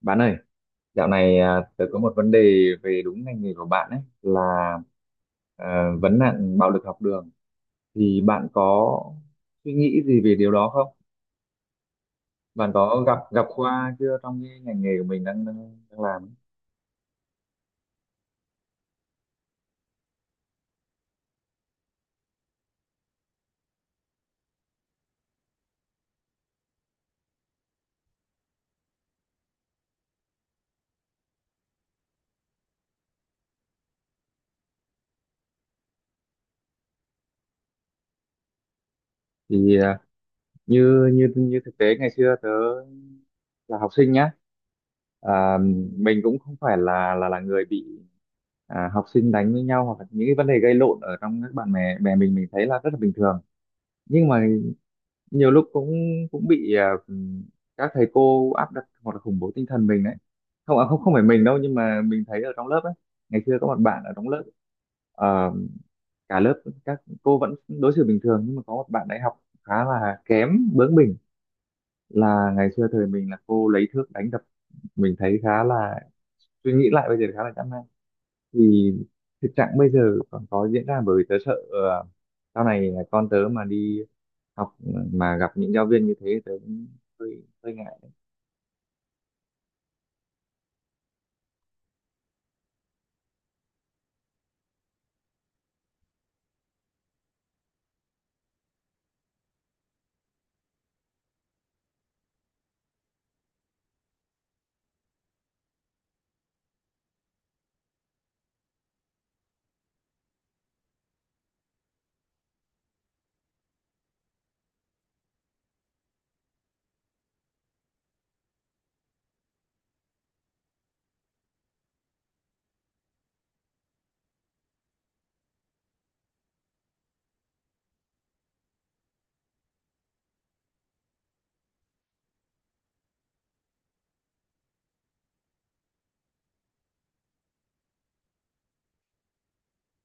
Bạn ơi, dạo này tớ có một vấn đề về đúng ngành nghề của bạn, ấy là vấn nạn bạo lực học đường. Thì bạn có suy nghĩ gì về điều đó không? Bạn có gặp gặp qua chưa trong cái ngành nghề của mình đang đang, đang làm? Thì như như như thực tế ngày xưa tớ là học sinh nhá, à, mình cũng không phải là là người bị học sinh đánh với nhau, hoặc là những cái vấn đề gây lộn ở trong các bạn bè. Mình thấy là rất là bình thường. Nhưng mà nhiều lúc cũng cũng bị các thầy cô áp đặt hoặc là khủng bố tinh thần mình đấy. Không không không phải mình đâu, nhưng mà mình thấy ở trong lớp ấy ngày xưa có một bạn ở trong lớp. ờ, Cả lớp các cô vẫn đối xử bình thường, nhưng mà có một bạn đại học khá là kém, bướng bỉnh, là ngày xưa thời mình là cô lấy thước đánh đập. Mình thấy khá là, suy nghĩ lại bây giờ khá là chán nản. Thì thực trạng bây giờ còn có diễn ra, bởi vì tớ sợ sau này con tớ mà đi học mà gặp những giáo viên như thế tớ cũng hơi hơi ngại.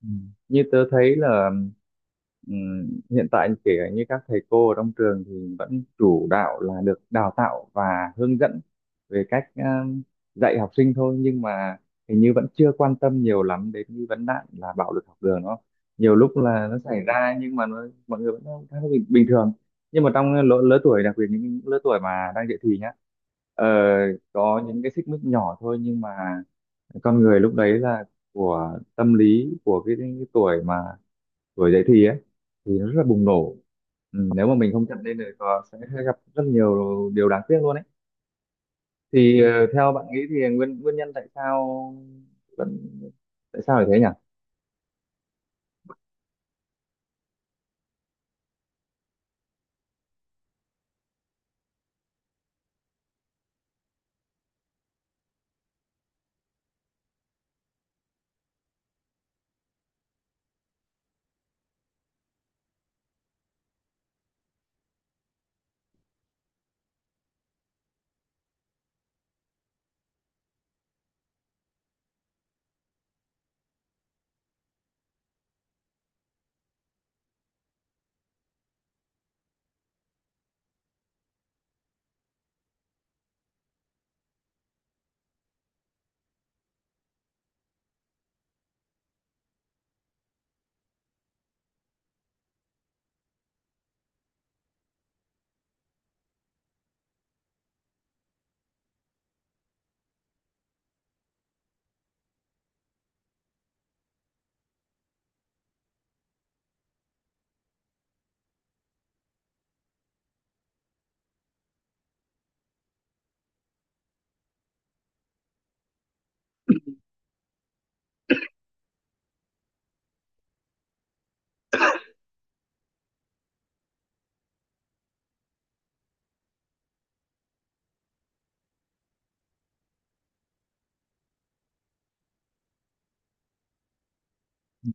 Ừ. Như tớ thấy là, ừ, hiện tại kể cả như các thầy cô ở trong trường thì vẫn chủ đạo là được đào tạo và hướng dẫn về cách dạy học sinh thôi, nhưng mà hình như vẫn chưa quan tâm nhiều lắm đến cái vấn nạn là bạo lực học đường. Nó nhiều lúc là nó xảy ra nhưng mà nó, mọi người vẫn khá là bình thường. Nhưng mà trong lứa tuổi đặc biệt những lứa tuổi mà đang dậy thì nhá, ờ, có những cái xích mích nhỏ thôi nhưng mà con người lúc đấy là của tâm lý của cái tuổi mà tuổi dậy thì ấy thì nó rất là bùng nổ. Ừ, nếu mà mình không chặn lên thì có sẽ gặp rất nhiều điều đáng tiếc luôn ấy. Thì theo bạn nghĩ thì nguyên nguyên nhân tại sao vẫn, tại sao lại thế nhỉ?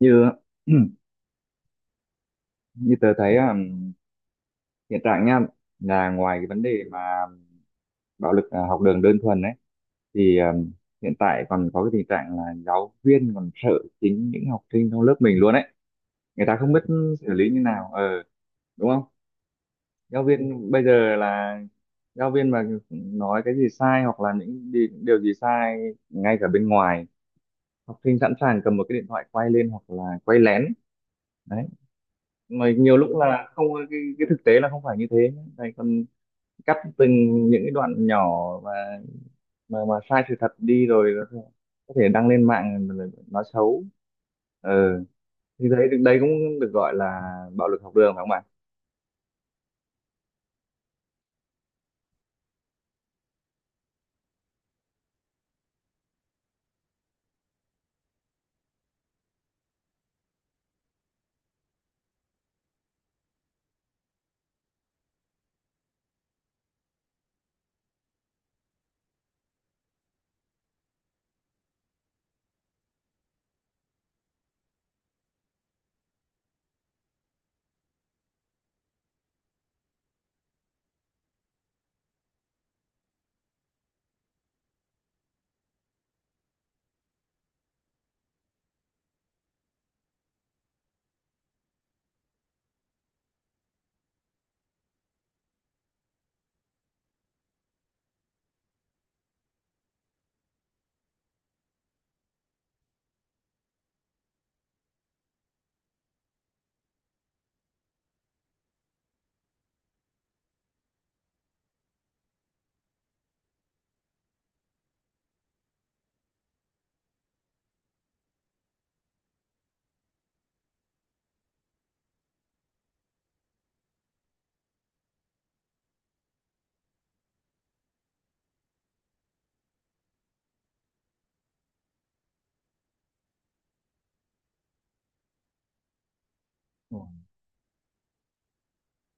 Như như tớ thấy hiện tại nha, là ngoài cái vấn đề mà bạo lực học đường đơn thuần ấy thì hiện tại còn có cái tình trạng là giáo viên còn sợ chính những học sinh trong lớp mình luôn ấy. Người ta không biết xử lý như nào đúng không? Giáo viên bây giờ là giáo viên mà nói cái gì sai hoặc là điều gì sai ngay cả bên ngoài, học sinh sẵn sàng cầm một cái điện thoại quay lên hoặc là quay lén đấy. Mà nhiều lúc là không, cái thực tế là không phải như thế. Thầy còn cắt từng những cái đoạn nhỏ và mà sai sự thật đi rồi có thể đăng lên mạng rồi nói xấu. ờ thì đấy đấy cũng được gọi là bạo lực học đường phải không bạn?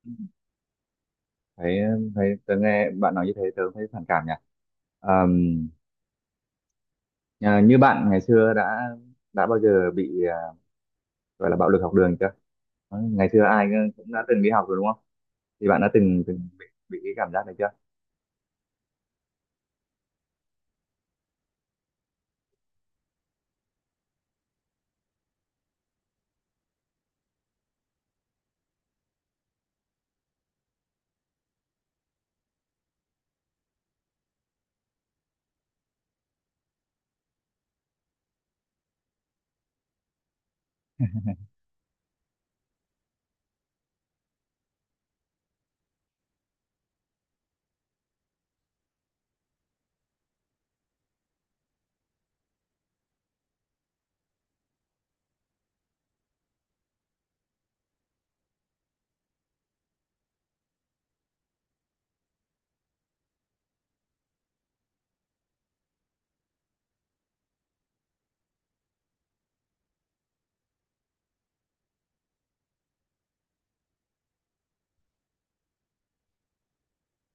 Ừ. Thấy, thấy tớ nghe bạn nói như thế tớ thấy phản cảm nhỉ. Ờm, như bạn ngày xưa đã bao giờ bị gọi là bạo lực học đường chưa? Ngày xưa ai cũng đã từng đi học rồi đúng không? Thì bạn đã từng từng bị cái cảm giác này chưa?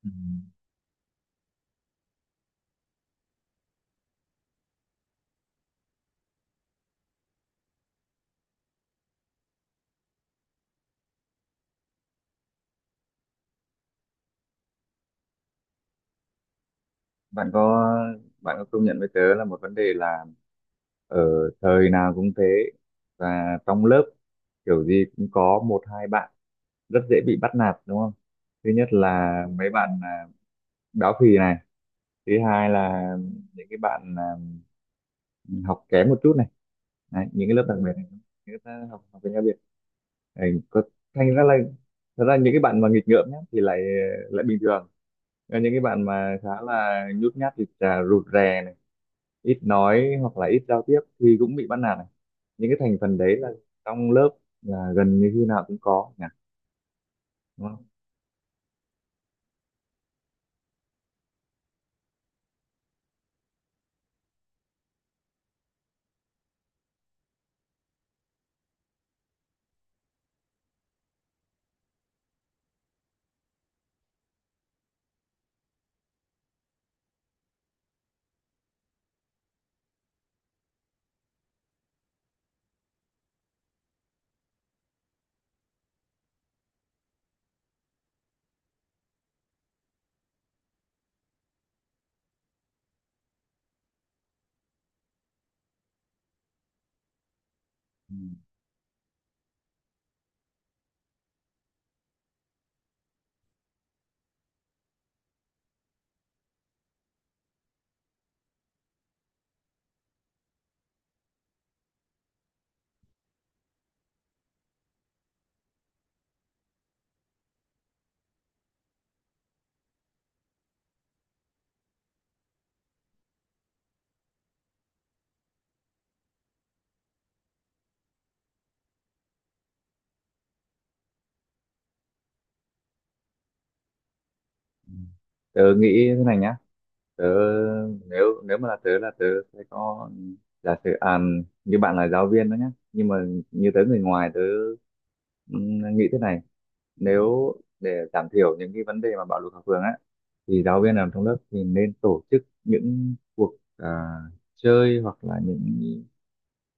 Ừm, bạn có, bạn có công nhận với tớ là một vấn đề là ở thời nào cũng thế, và trong lớp kiểu gì cũng có một hai bạn rất dễ bị bắt nạt đúng không? Thứ nhất là mấy bạn béo phì này, thứ hai là những cái bạn học kém một chút này. Đấy, những cái lớp đặc biệt này, những cái học học về tiếng Việt. Đấy, có, thành ra là thật ra những cái bạn mà nghịch ngợm nhá thì lại lại bình thường, còn những cái bạn mà khá là nhút nhát thì là rụt rè này, ít nói hoặc là ít giao tiếp thì cũng bị bắt nạt này. Những cái thành phần đấy là trong lớp là gần như khi nào cũng có nhỉ, đúng không? Ừ. Tớ nghĩ thế này nhá, tớ, nếu nếu mà là tớ, là tớ sẽ có, giả sử như bạn là giáo viên đó nhá, nhưng mà như tớ người ngoài tớ nghĩ thế này. Nếu để giảm thiểu những cái vấn đề mà bạo lực học đường á thì giáo viên làm trong lớp thì nên tổ chức những cuộc chơi hoặc là những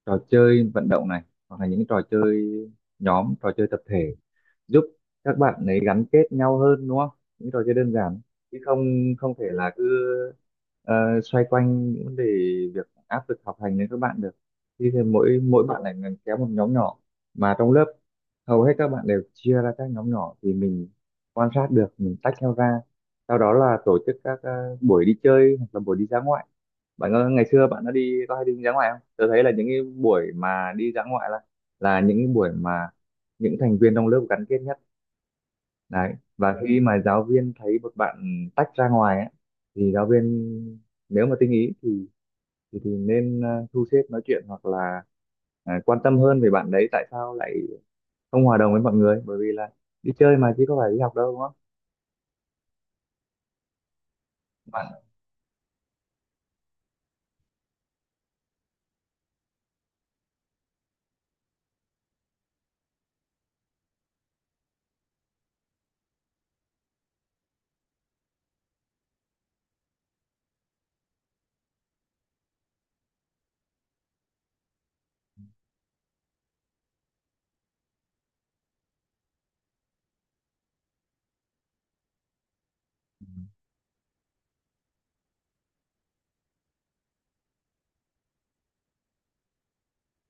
trò chơi vận động này, hoặc là những trò chơi nhóm, trò chơi tập thể, giúp các bạn ấy gắn kết nhau hơn đúng không? Những trò chơi đơn giản, chứ không, không thể là cứ ờ, xoay quanh những vấn đề việc áp lực học hành đến các bạn được. Thì mỗi mỗi bạn lại kéo một nhóm nhỏ, mà trong lớp hầu hết các bạn đều chia ra các nhóm nhỏ thì mình quan sát được mình tách nhau ra. Sau đó là tổ chức các buổi đi chơi hoặc là buổi đi dã ngoại. Bạn có ngày xưa bạn đã đi, có hay đi dã ngoại không? Tôi thấy là những cái buổi mà đi dã ngoại là những cái buổi mà những thành viên trong lớp gắn kết nhất đấy. Và khi mà giáo viên thấy một bạn tách ra ngoài ấy, thì giáo viên nếu mà tinh ý thì nên thu xếp nói chuyện hoặc là quan tâm hơn về bạn đấy tại sao lại không hòa đồng với mọi người, bởi vì là đi chơi mà chứ có phải đi học đâu đúng không bạn?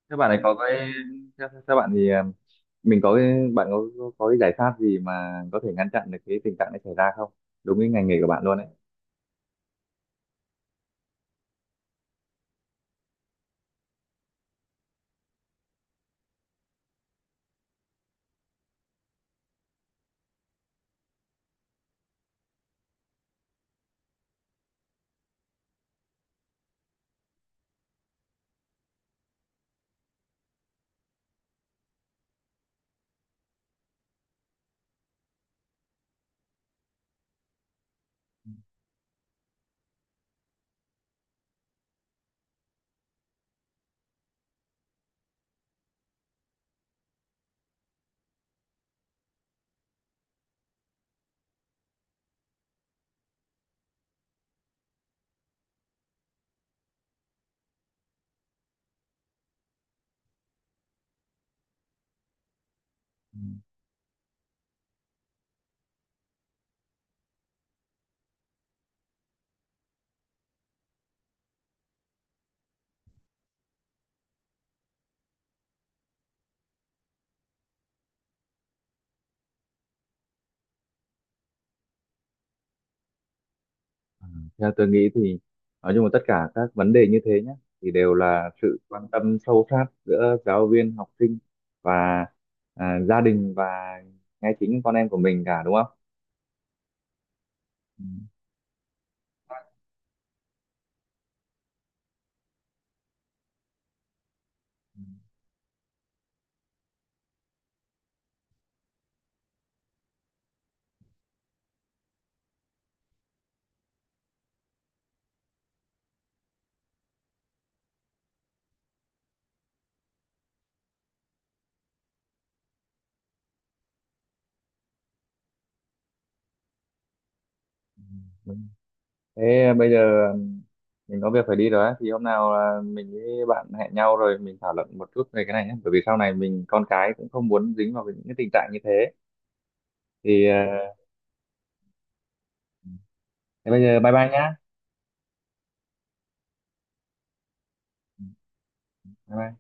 Các bạn ấy có cái, theo bạn thì mình có cái, bạn có, có cái giải pháp gì mà có thể ngăn chặn được cái tình trạng này xảy ra không? Đúng cái ngành nghề của bạn luôn ấy. Ừ. Theo tôi nghĩ thì nói chung là tất cả các vấn đề như thế nhé, thì đều là sự quan tâm sâu sát giữa giáo viên, học sinh và gia đình và ngay chính con em của mình cả đúng không? Ừ, đúng. Thế bây giờ mình có việc phải đi rồi á, thì hôm nào mình với bạn hẹn nhau rồi mình thảo luận một chút về cái này nhé, bởi vì sau này mình con cái cũng không muốn dính vào những cái tình trạng như thế. Thì à, thế bây giờ bye bye nhá. Bye bye.